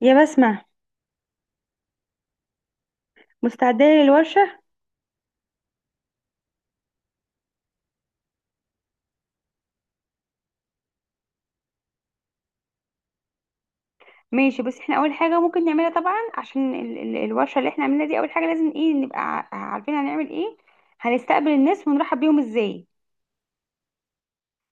يا بسمة، مستعدة للورشة؟ ماشي، بس احنا اول حاجة ممكن نعملها طبعا عشان ال الورشة اللي احنا عملناها دي، اول حاجة لازم ايه، نبقى عارفين هنعمل ايه. هنستقبل الناس ونرحب بيهم ازاي.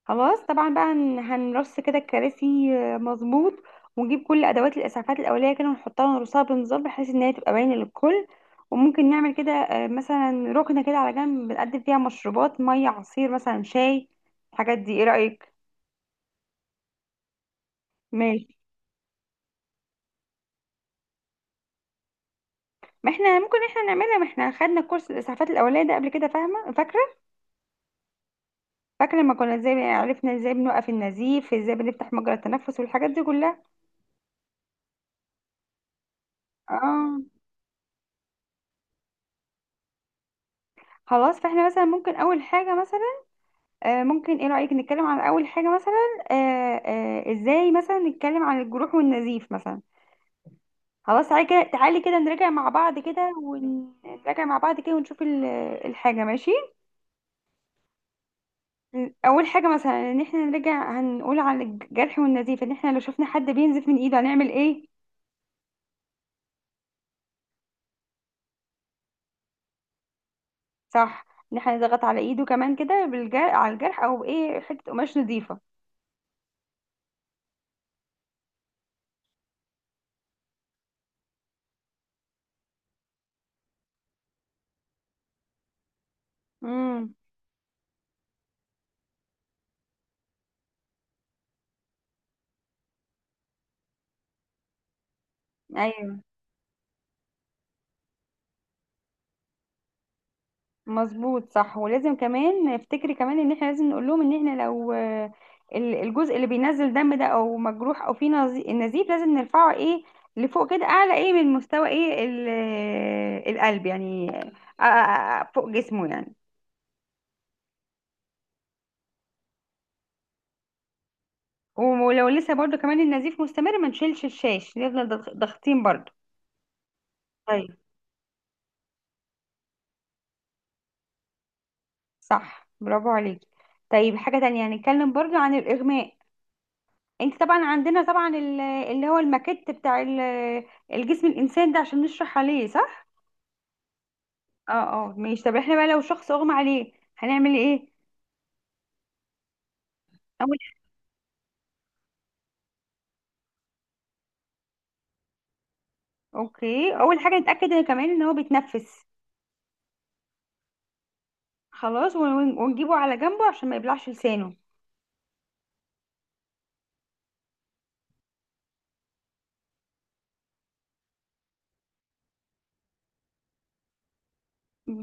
خلاص طبعا بقى هنرص كده الكراسي. مظبوط. ونجيب كل ادوات الاسعافات الاولية كده ونحطها ونرصها بنظام بحيث ان هي تبقى باينة للكل. وممكن نعمل كده، مثلا ركنة كده على جنب بنقدم فيها مشروبات، مية، عصير مثلا، شاي. الحاجات دي، ايه رأيك؟ ماشي. ما احنا ممكن احنا نعملها، ما احنا خدنا كورس الاسعافات الاوليه ده قبل كده، فاهمه؟ فاكره. فاكره لما كنا ازاي عرفنا ازاي بنوقف النزيف، ازاي بنفتح مجرى التنفس والحاجات دي كلها. اه. خلاص فاحنا مثلا ممكن اول حاجه مثلا. ممكن، ايه رايك نتكلم عن اول حاجه مثلا. آه ازاي مثلا نتكلم عن الجروح والنزيف مثلا. خلاص تعالي كده، تعالي كده نراجع مع بعض كده ونراجع مع بعض كده ونشوف الحاجه. ماشي. اول حاجه مثلا، ان احنا نرجع هنقول على الجرح والنزيف، ان احنا لو شفنا حد بينزف من ايده هنعمل ايه. صح. ان احنا نضغط على ايده كمان كده، بالجرح، على الجرح، او بايه، حته قماش نظيفه. امم. ايوه، مظبوط صح. ولازم كمان افتكري كمان ان احنا لازم نقول لهم، ان احنا لو الجزء اللي بينزل دم ده، او مجروح، او فيه نزيف، لازم نرفعه ايه، لفوق كده، اعلى ايه، من مستوى ايه القلب يعني. آه، آه، فوق جسمه يعني. ولو لسه برضو كمان النزيف مستمر، ما نشيلش الشاش، نفضل ضاغطين برضو. طيب. صح، برافو عليكي. طيب، حاجة تانية هنتكلم برضو عن الإغماء. انت طبعا عندنا طبعا اللي هو الماكيت بتاع الجسم، الإنسان ده، عشان نشرح عليه، صح؟ اه اه، ماشي. طب احنا بقى لو شخص أغمى عليه هنعمل ايه؟ أول اوكي، أول حاجة نتأكد إن كمان ان هو بيتنفس. خلاص، ونجيبه على جنبه عشان ما يبلعش لسانه.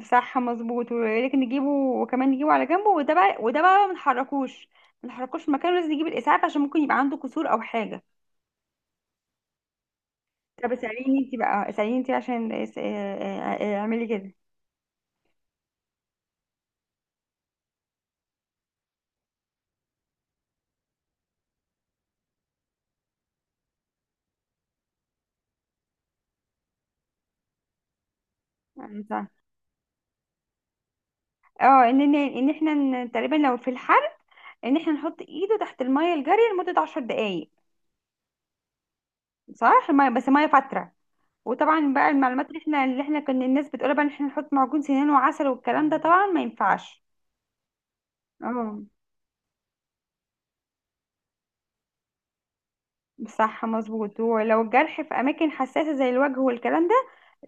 صح مظبوط. ولكن نجيبه، وكمان نجيبه على جنبه، وده بقى ما نحركوش في مكانه. لازم نجيب الاسعاف عشان ممكن يبقى عنده كسور او حاجه. طب اساليني انت بقى، اساليني انت عشان اعملي كده. أنا صح. اه، ان احنا تقريبا لو في الحر، ان احنا نحط ايده تحت الميه الجاريه لمده 10 دقائق. صح، الميه بس، ميه فتره. وطبعا بقى المعلومات اللي احنا كنا الناس بتقول بقى ان احنا نحط معجون سنان وعسل والكلام ده، طبعا ما ينفعش. اه. صح مظبوط. ولو الجرح في اماكن حساسه زي الوجه والكلام ده،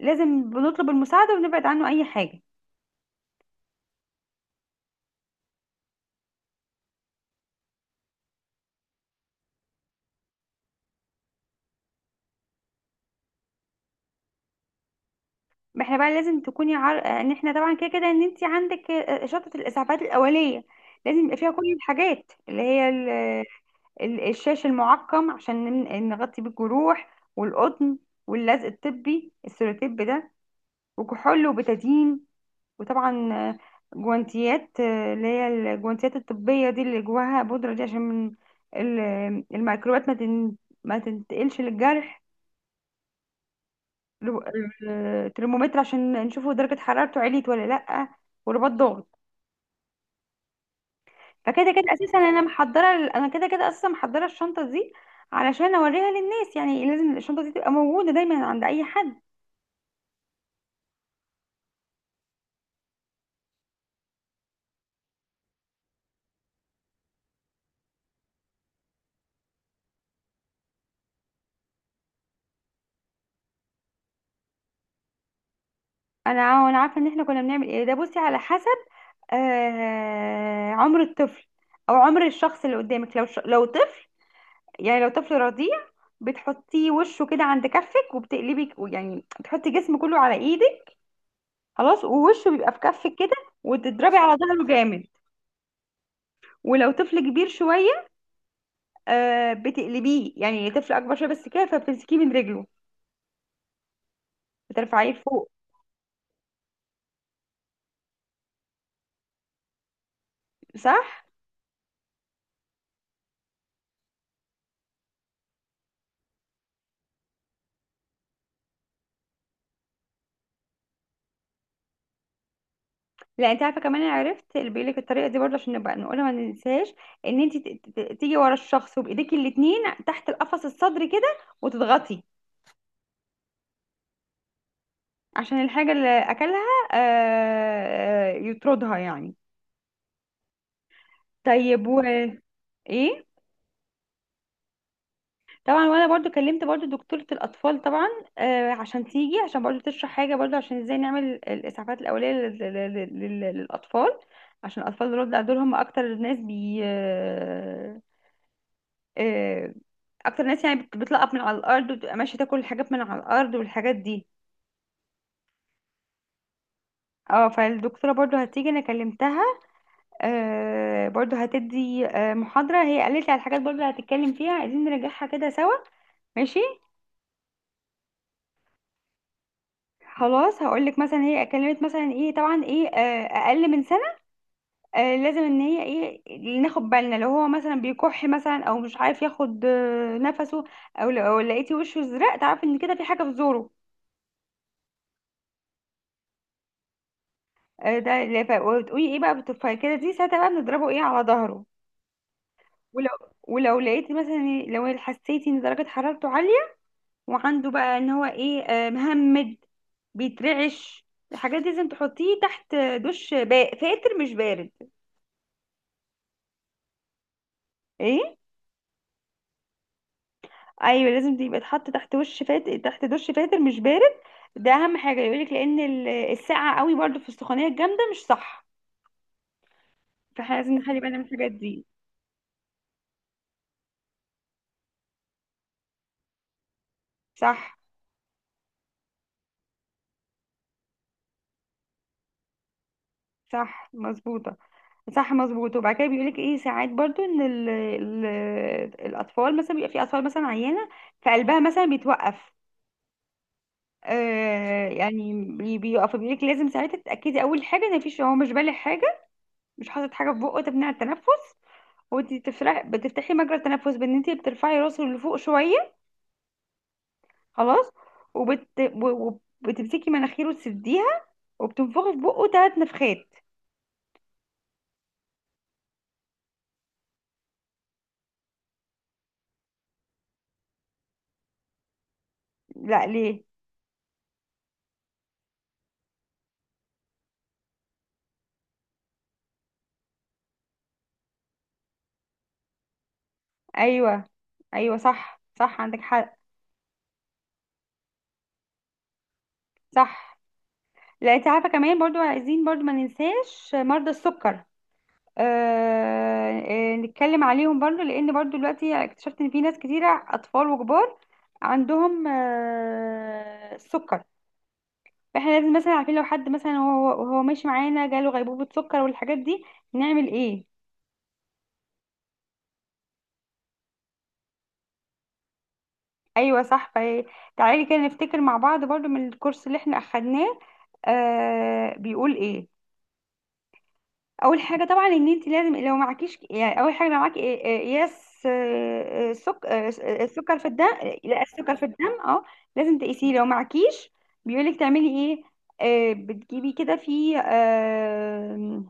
لازم بنطلب المساعده ونبعد عنه اي حاجه. ما احنا بقى لازم تكوني ان احنا طبعا كده كده ان انت عندك شنطه الاسعافات الاوليه، لازم يبقى فيها كل الحاجات اللي هي الشاش المعقم عشان نغطي بيه الجروح، والقطن، واللزق الطبي، السيروتيب ده، وكحول وبتادين، وطبعا جوانتيات، اللي هي الجوانتيات الطبية دي اللي جواها بودرة دي، عشان ال- الميكروبات ما تنتقلش للجرح لو، ترمومتر عشان نشوفه درجة حرارته عليت ولا لأ، ورباط ضغط. فكده كده أساسا أنا كده كده أساسا محضرة الشنطة دي علشان أوريها للناس، يعني لازم الشنطة دي تبقى موجودة دايما عند أي حد. أنا أنا عارفة إن إحنا كنا بنعمل إيه ده. بصي، على حسب عمر الطفل او عمر الشخص اللي قدامك. لو لو طفل، يعني لو طفل رضيع، بتحطيه وشه كده عند كفك وبتقلبي، يعني بتحطي جسم كله على ايدك، خلاص، ووشه بيبقى في كفك كده، وتضربي على ظهره جامد. ولو طفل كبير شوية، بتقلبيه، يعني طفل اكبر شوية بس كده، فبتمسكيه من رجله، بترفعيه فوق. صح. لا، انت عارفه كمان، انا عرفت اللي بيقول لك الطريقه دي برضه عشان نبقى نقولها، ما ننساهاش. ان انت تيجي ورا الشخص، وبايديكي الاتنين تحت القفص الصدري كده وتضغطي عشان الحاجه اللي اكلها يطردها يعني. طيب، ايه. طبعا، وانا برضو كلمت برضو دكتورة الاطفال طبعا، عشان تيجي عشان برضو تشرح حاجة، برضو عشان ازاي نعمل الاسعافات الاولية للاطفال، عشان الاطفال دول هم اكتر الناس بي آه اكتر ناس يعني بتلقط من على الارض، وبتبقى ماشيه تاكل الحاجات من على الارض والحاجات دي. اه، فالدكتوره برضو هتيجي، انا كلمتها، برضو هتدي محاضره، هي قالت لي على الحاجات برضو اللي هتتكلم فيها، عايزين نراجعها كده سوا. ماشي. خلاص، هقول لك مثلا هي اتكلمت مثلا ايه. طبعا ايه، اقل من سنه، لازم ان هي ايه، ناخد بالنا لو هو مثلا بيكح مثلا، او مش عارف ياخد نفسه، او لو لقيتي وشه ازرق، تعرف ان كده في حاجه في زوره. ده اللي وتقولي ايه بقى، بالتفاية كده دي، ساعتها بقى بنضربه ايه، على ظهره. ولو ولو لقيتي مثلا لو حسيتي ان درجة حرارته عالية، وعنده بقى ان هو ايه، مهمد، بيترعش، الحاجات دي، لازم تحطيه تحت دش فاتر، مش بارد. ايه؟ ايوه، لازم يبقى يتحط تحت وش فاتر، تحت دش فاتر، مش بارد. ده اهم حاجه يقولك، لان السقعه قوي برضو في السخونيه الجامده، مش صح. فاحنا لازم نخلي بالنا من الحاجات دي. صح، صح، مظبوطه. صح، مظبوط. وبعد كده بيقولك ايه، ساعات برضو ان ال ال الاطفال مثلا، بيبقى في اطفال مثلا عيانه، فقلبها مثلا بيتوقف، يعني بيقف، بيقولك لازم ساعتها تتاكدي اول حاجه ان مفيش، هو مش بالغ حاجه، مش حاطط حاجه في بقه تمنع التنفس، وانت تفرح بتفتحي مجرى التنفس بان انت بترفعي راسه لفوق شويه. خلاص، وبت و- و- وبتمسكي مناخيره تسديها، وبتنفخي في بقه ثلاث نفخات. لا، ليه؟ ايوه، ايوه، صح صح، عندك حق. صح. لا، انت عارفه كمان، برضو عايزين برضو ما ننساش مرضى السكر. نتكلم عليهم برضو، لان برضو دلوقتي اكتشفت ان في ناس كتيره، اطفال وكبار، عندهم السكر. فاحنا لازم مثلا عارفين لو حد مثلا، هو ماشي معانا جاله غيبوبه سكر والحاجات دي، نعمل ايه. ايوه صح. تعالي كده نفتكر مع بعض برضو من الكورس اللي احنا اخدناه، بيقول ايه. اول حاجه طبعا، ان انت لازم لو معكيش، يعني اول حاجه لو معاكي إيه- إيه، ياس آه، آه، سك... آه، آه، السكر في الدم. لا، السكر في الدم، اه. لازم تقيسيه. لو معكيش، بيقولك تعملي ايه. بتجيبي كده في آه،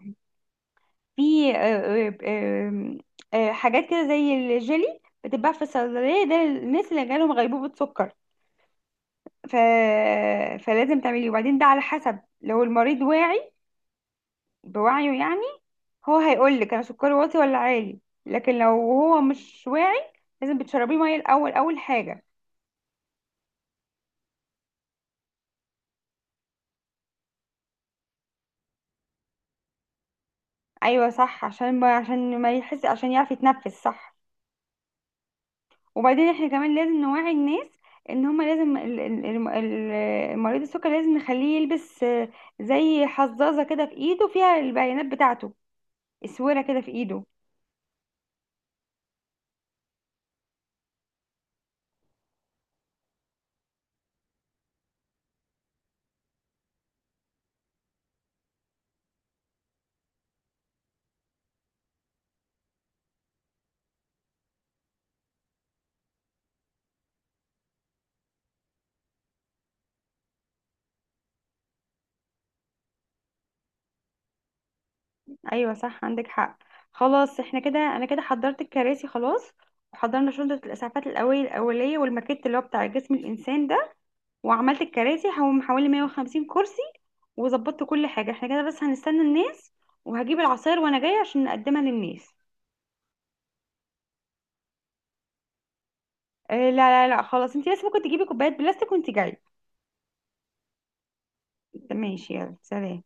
في آه، آه، آه، آه، حاجات كده زي الجيلي، بتتباع في الصيدليه ده، للناس اللي جالهم غيبوبه سكر، ف... فلازم تعمليه. وبعدين ده على حسب، لو المريض واعي، بوعيه يعني، هو هيقول لك انا سكري واطي ولا عالي. لكن لو هو مش واعي، لازم بتشربيه ميه الاول، اول حاجه. ايوه صح، عشان ما يحس، عشان يعرف يتنفس صح. وبعدين احنا كمان لازم نوعي الناس ان هما لازم مريض السكر لازم نخليه يلبس زي حظاظه كده في ايده فيها البيانات بتاعته، اسوره كده في ايده. ايوه، صح، عندك حق. خلاص، احنا كده، انا كده حضرت الكراسي خلاس، وحضرنا شنطه الاسعافات الاوليه والماكيت اللي هو بتاع جسم الانسان ده. وعملت الكراسي، حوالي 150 كرسي، وظبطت كل حاجة. احنا كده بس هنستنى الناس، وهجيب العصاير وانا جاية عشان نقدمها للناس. لا لا لا، خلاص، انت لسه ممكن تجيبي كوبايات بلاستيك وانت جاية. ماشي، يلا، سلام.